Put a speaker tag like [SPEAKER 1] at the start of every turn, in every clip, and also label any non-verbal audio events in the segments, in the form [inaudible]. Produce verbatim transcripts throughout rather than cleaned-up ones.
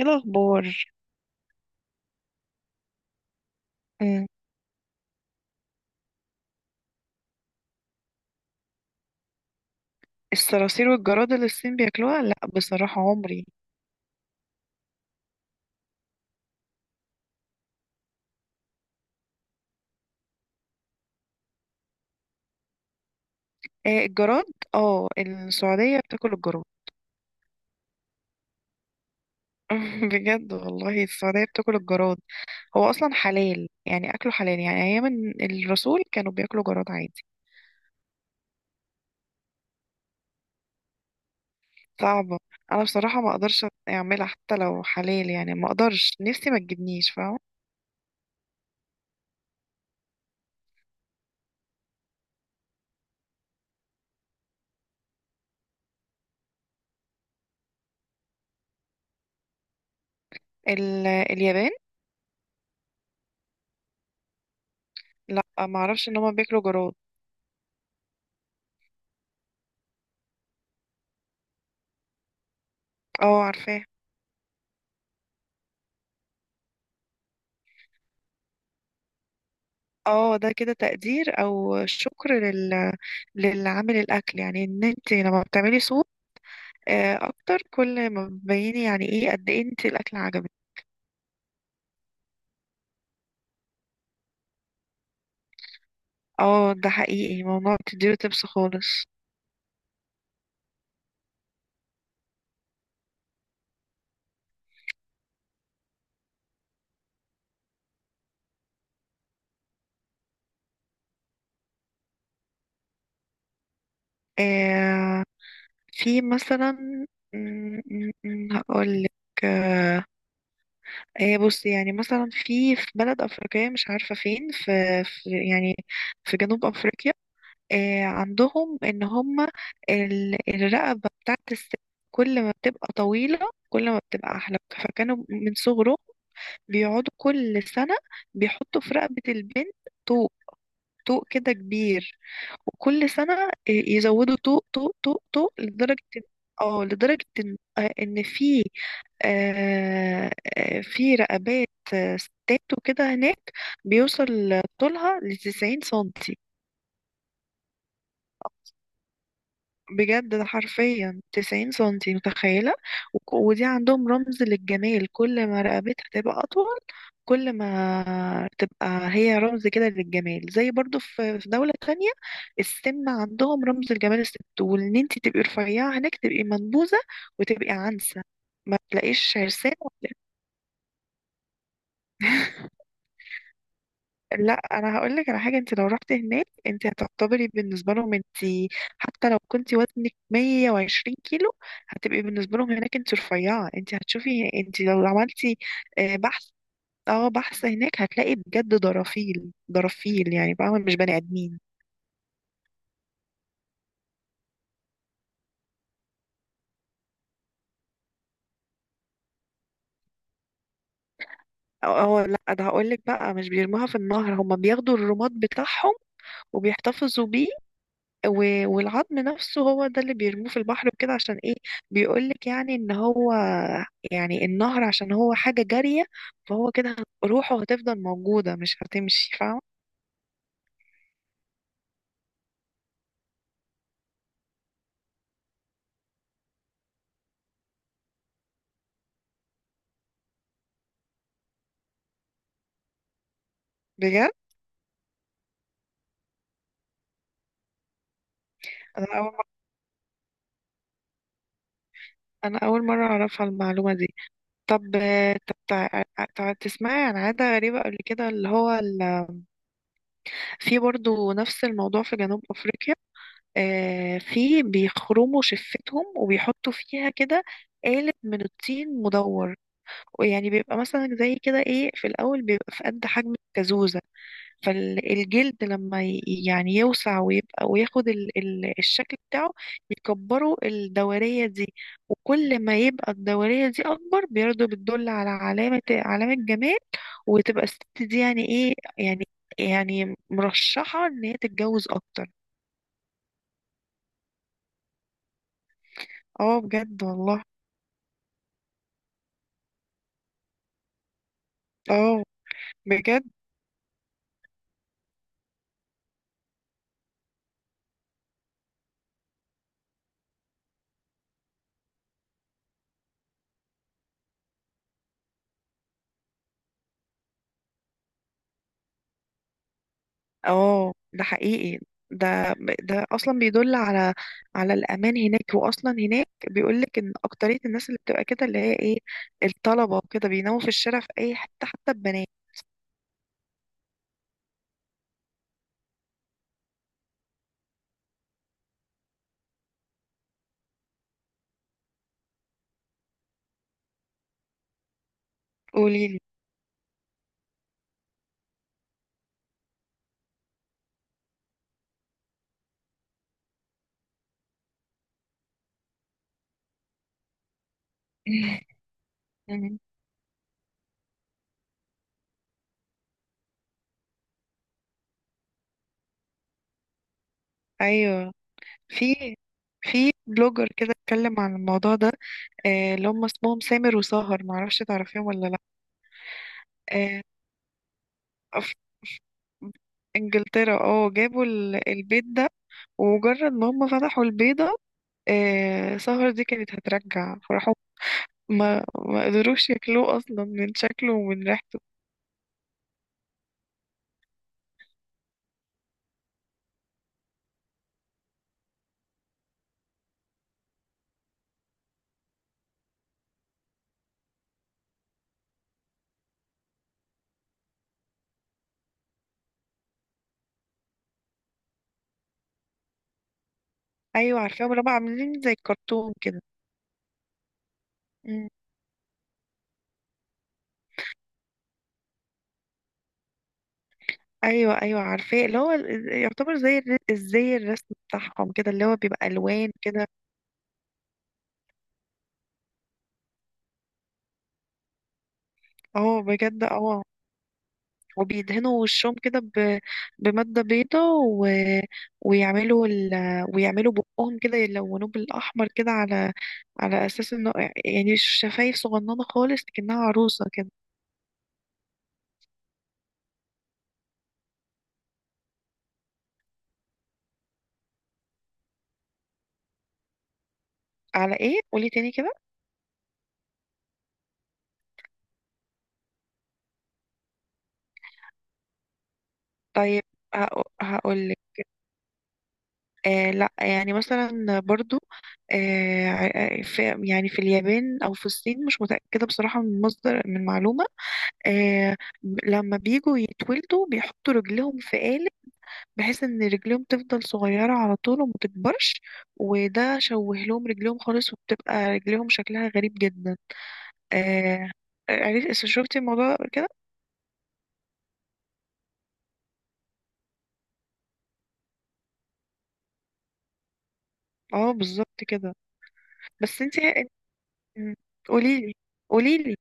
[SPEAKER 1] ايه الاخبار؟ أمم، الصراصير والجراد اللي الصين بياكلوها، لا بصراحة عمري. آه، الجراد. اه، السعودية بتاكل الجراد. [laughs] بجد والله السعودية بتاكل الجراد. هو اصلا حلال، يعني اكله حلال، يعني ايام الرسول كانوا بياكلوا جراد عادي. صعبة. انا بصراحة ما اقدرش اعملها حتى لو حلال، يعني ما اقدرش، نفسي ما تجيبنيش، فاهمة؟ ال- اليابان، لا ما اعرفش ان هم بياكلوا جراد. اه عارفاها. اه ده كده تقدير او شكر لل... للعامل الاكل، يعني ان انت لما بتعملي صوت آه، اكتر كل ما بتبيني، يعني ايه قد ايه انت الاكل عجبك. اه ده حقيقي، موضوع بتديله تبس خالص. آه في مثلا م- م- م- هقولك. آه آه، بصي، يعني مثلا في في بلد افريقيه، مش عارفه فين، في, في يعني، في جنوب افريقيا. آه، عندهم ان هم ال- الرقبة بتاعت الست، كل ما بتبقى طويلة كل ما بتبقى احلى، فكانوا من صغره بيقعدوا كل سنة بيحطوا في رقبة البنت طوق، طوق كده كبير، وكل سنة آه، يزودوا طوق طوق طوق طوق لدرجة إن- اه، لدرجة ان آه، إن في آه، آه، في رقبات آه، ستات وكده هناك بيوصل طولها لتسعين سنتي. بجد ده حرفيا تسعين سنتي، متخيلة؟ وك- ودي عندهم رمز للجمال، كل ما رقبتها تبقى أطول كل ما تبقى هي رمز كده للجمال. زي برضو في في دولة تانية، السمنة عندهم رمز الجمال الست، وإن انتي تبقي رفيعة هناك تبقي منبوذة وتبقي عنسة، ما تلاقيش عرسان. لا انا هقول لك على حاجه، انت لو رحت هناك انت هتعتبري بالنسبه لهم، انت حتى لو كنت وزنك مية وعشرين كيلو هتبقي بالنسبه لهم هناك انت رفيعه، انت هتشوفي انت لو عملتي آه، بحث. اه بحث هناك هتلاقي بجد درافيل درافيل، يعني فاهمه، مش بني ادمين. اه لا ده هقول لك بقى، مش بيرموها في النهر، هم بياخدوا الرماد بتاعهم وبيحتفظوا بيه، و- والعظم نفسه هو ده اللي بيرموه في البحر وكده. عشان ايه؟ بيقولك يعني ان هو، يعني النهر عشان هو حاجة جارية، فهو كده روحه هتفضل موجودة مش هتمشي، فاهمة؟ بجد، انا اول مرة انا اول مرة اعرفها المعلومة دي. طب آه، طب تع- تع- تسمعي عن عادة غريبة قبل كده؟ اللي هو ال... في برضو نفس الموضوع في جنوب افريقيا، آه، في بيخرموا شفتهم وبيحطوا فيها كده آلة من الطين مدور، ويعني بيبقى مثلا زي كده ايه، في الاول بيبقى في قد حجم الكازوزة، فالجلد لما ي- يعني يوسع ويبقى وياخد ال ال الشكل بتاعه، يكبروا الدورية دي. وكل ما يبقى الدورية دي أكبر برضه بتدل على علامة، علامة جمال، وتبقى الست دي يعني ايه يعني، يعني مرشحة إن هي تتجوز أكتر. اه بجد والله. اه بجد. اه ده حقيقي، ده ده اصلا بيدل على على الامان هناك، واصلا هناك بيقول لك ان اكتريه الناس اللي بتبقى كده اللي هي ايه، الطلبه وكده بيناموا في الشارع في اي حته، حتى البنات. قولي لي. [laughs] مم. ايوه، في في بلوجر كده اتكلم عن الموضوع ده، آه، اللي هم اسمهم سامر وسهر، معرفش تعرفيهم ولا لا. آه، ف- ف- انجلترا، اه جابوا ال- البيت ده، ومجرد ما هم فتحوا البيضة آه، سهر دي كانت هترجع، فراحوا، ما ما قدروش ياكلوه اصلا من شكله ومن ريحته. ايوه عارفاهم، اللي هم عاملين زي الكرتون كده. مم. ايوه، ايوه عارفاه، اللي هو ال- يعتبر زي الر- زي الرسم بتاعهم كده، اللي هو بيبقى الوان كده. اه بجد اه. وبيدهنوا وشهم كده ب... بمادة بيضة و... ويعملوا ال... ويعملوا بقهم كده يلونوه بالاحمر، كده على على اساس انه يعني شفايف صغننة خالص كأنها عروسة كده. على ايه؟ قولي تاني كده. طيب. هقول لك. آه لا يعني مثلا برضو آه ع- في، يعني في اليابان او في الصين مش متأكدة بصراحة، من مصدر من معلومة، آه، ب- لما بيجوا يتولدوا بيحطوا رجلهم في قالب بحيث ان رجلهم تفضل صغيرة على طول وما تكبرش، وده شوه لهم رجلهم خالص وبتبقى رجلهم شكلها غريب جدا. آه. عرفت؟ شفتي الموضوع ده قبل كده؟ اه بالظبط كده. بس انت. قولي لي. قولي لي.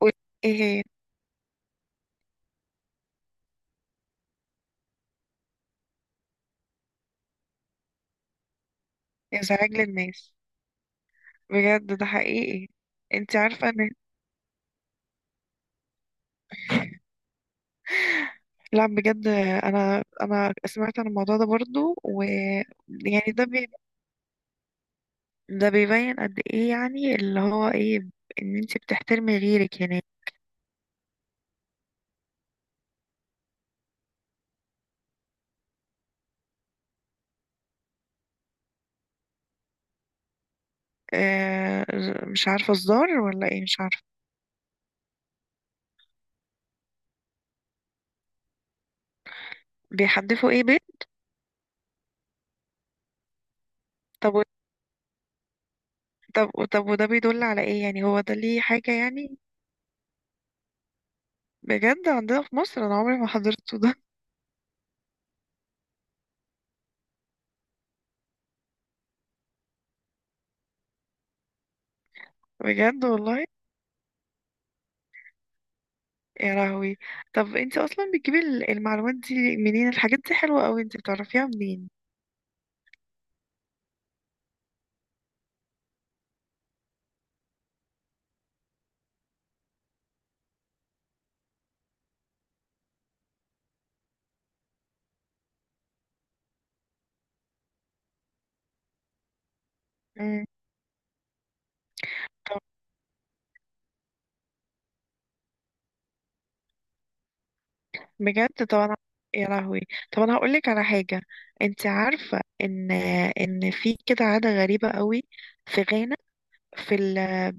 [SPEAKER 1] قول. ايه هي؟ ازعاج للناس. بجد ده حقيقي. انت عارفه ان. لا بجد، انا انا سمعت عن الموضوع ده برضو، ويعني ده بي... ده بيبين قد ايه يعني، اللي هو ايه، ان انت بتحترمي غيرك يعني. آه مش عارفه، الزار ولا ايه مش عارفه. بيحدفوا ايه؟ بيت؟ طب و- طب طب وده بيدل على ايه يعني؟ هو ده ليه حاجه يعني؟ بجد عندنا في مصر؟ انا عمري ما حضرته ده. [laughs] بجد والله. يا لهوي. طب انت اصلا بتجيبي ال- المعلومات دي منين؟ الحاجات دي حلوة قوي، انت بتعرفيها منين؟ مم. طب بجد. طب انا. يا لهوي. طب انا هقول لك على حاجة. انت عارفة ان ان في كده عادة غريبة قوي في غانا، في ال...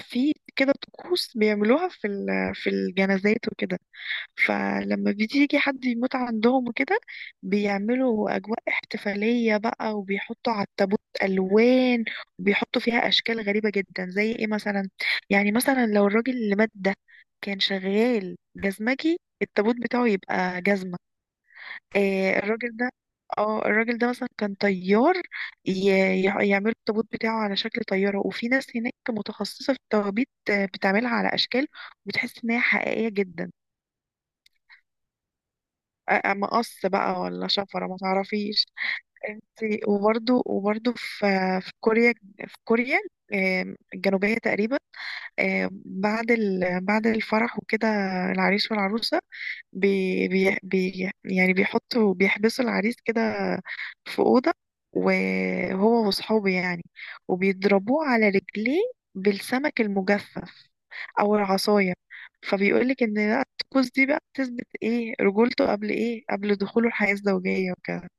[SPEAKER 1] في كده طقوس بيعملوها في ال... في الجنازات وكده. فلما بيجي حد يموت عندهم وكده بيعملوا أجواء احتفالية بقى، وبيحطوا على التابوت ألوان، وبيحطوا فيها أشكال غريبة جدا زي إيه مثلا. يعني مثلا لو الراجل اللي مات ده كان شغال جزمجي، التابوت بتاعه يبقى جزمة. آه الراجل ده، اه الراجل ده مثلا كان طيار، ي- ي- يعملوا التابوت بتاعه على شكل طيارة. وفي ناس هناك متخصصة في التوابيت آه، بتعملها على أشكال، وبتحس إن هي حقيقية جدا. آه، مقص بقى، ولا شفرة ما تعرفيش. انت، وبرضو وبرضو في في كوريا، في كوريا، آم، الجنوبية تقريبا، آم، بعد ال... بعد الفرح وكده، العريس والعروسة بي... بي... بي... يعني بيحطوا، بيحبسوا العريس كده في أوضة، وهو وصحابه يعني، وبيضربوه على رجليه بالسمك المجفف أو العصاية. فبيقولك إن لا، الطقوس دي بقى بتثبت إيه، رجولته قبل إيه، قبل دخوله الحياة الزوجية وكده.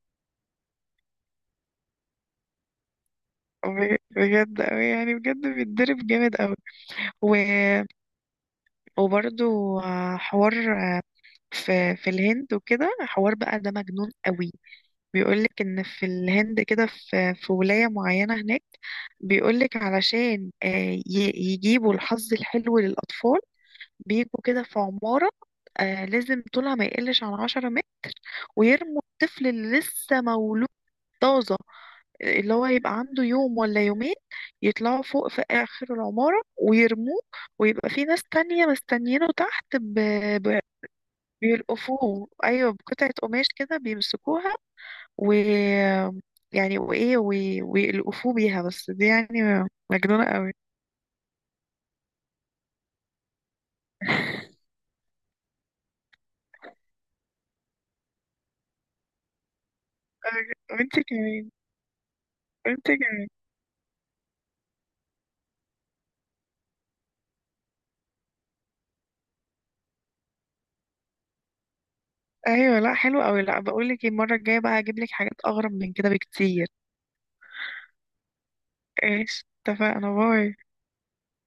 [SPEAKER 1] ب- بجد أوي يعني، بجد بيتضرب جامد أوي. و... وبرده حوار آه، في في الهند وكده، حوار بقى ده مجنون أوي. بيقولك إن في الهند كده، في في ولاية معينة هناك بيقولك علشان آه، ي- يجيبوا الحظ الحلو للأطفال، بيجوا كده في عمارة، آه، لازم طولها ما يقلش عن عشرة متر، ويرموا الطفل اللي لسه مولود طازة، اللي هو يبقى عنده يوم ولا يومين، يطلعوا فوق في آخر العمارة ويرموه، ويبقى في ناس تانية مستنيينه تحت ب... ب... بيلقفوه. أيوة بقطعة قماش كده بيمسكوها و، يعني وإيه و... ويلقفوه بيها، بس دي يعني مجنونة قوي. أه، وانت كمان وانت كمان أيوة، لا حلو قوي. لا بقولك المرة الجاية بقى هجيبلك حاجات أغرب من كده بكتير. ايش اتفقنا؟ باي.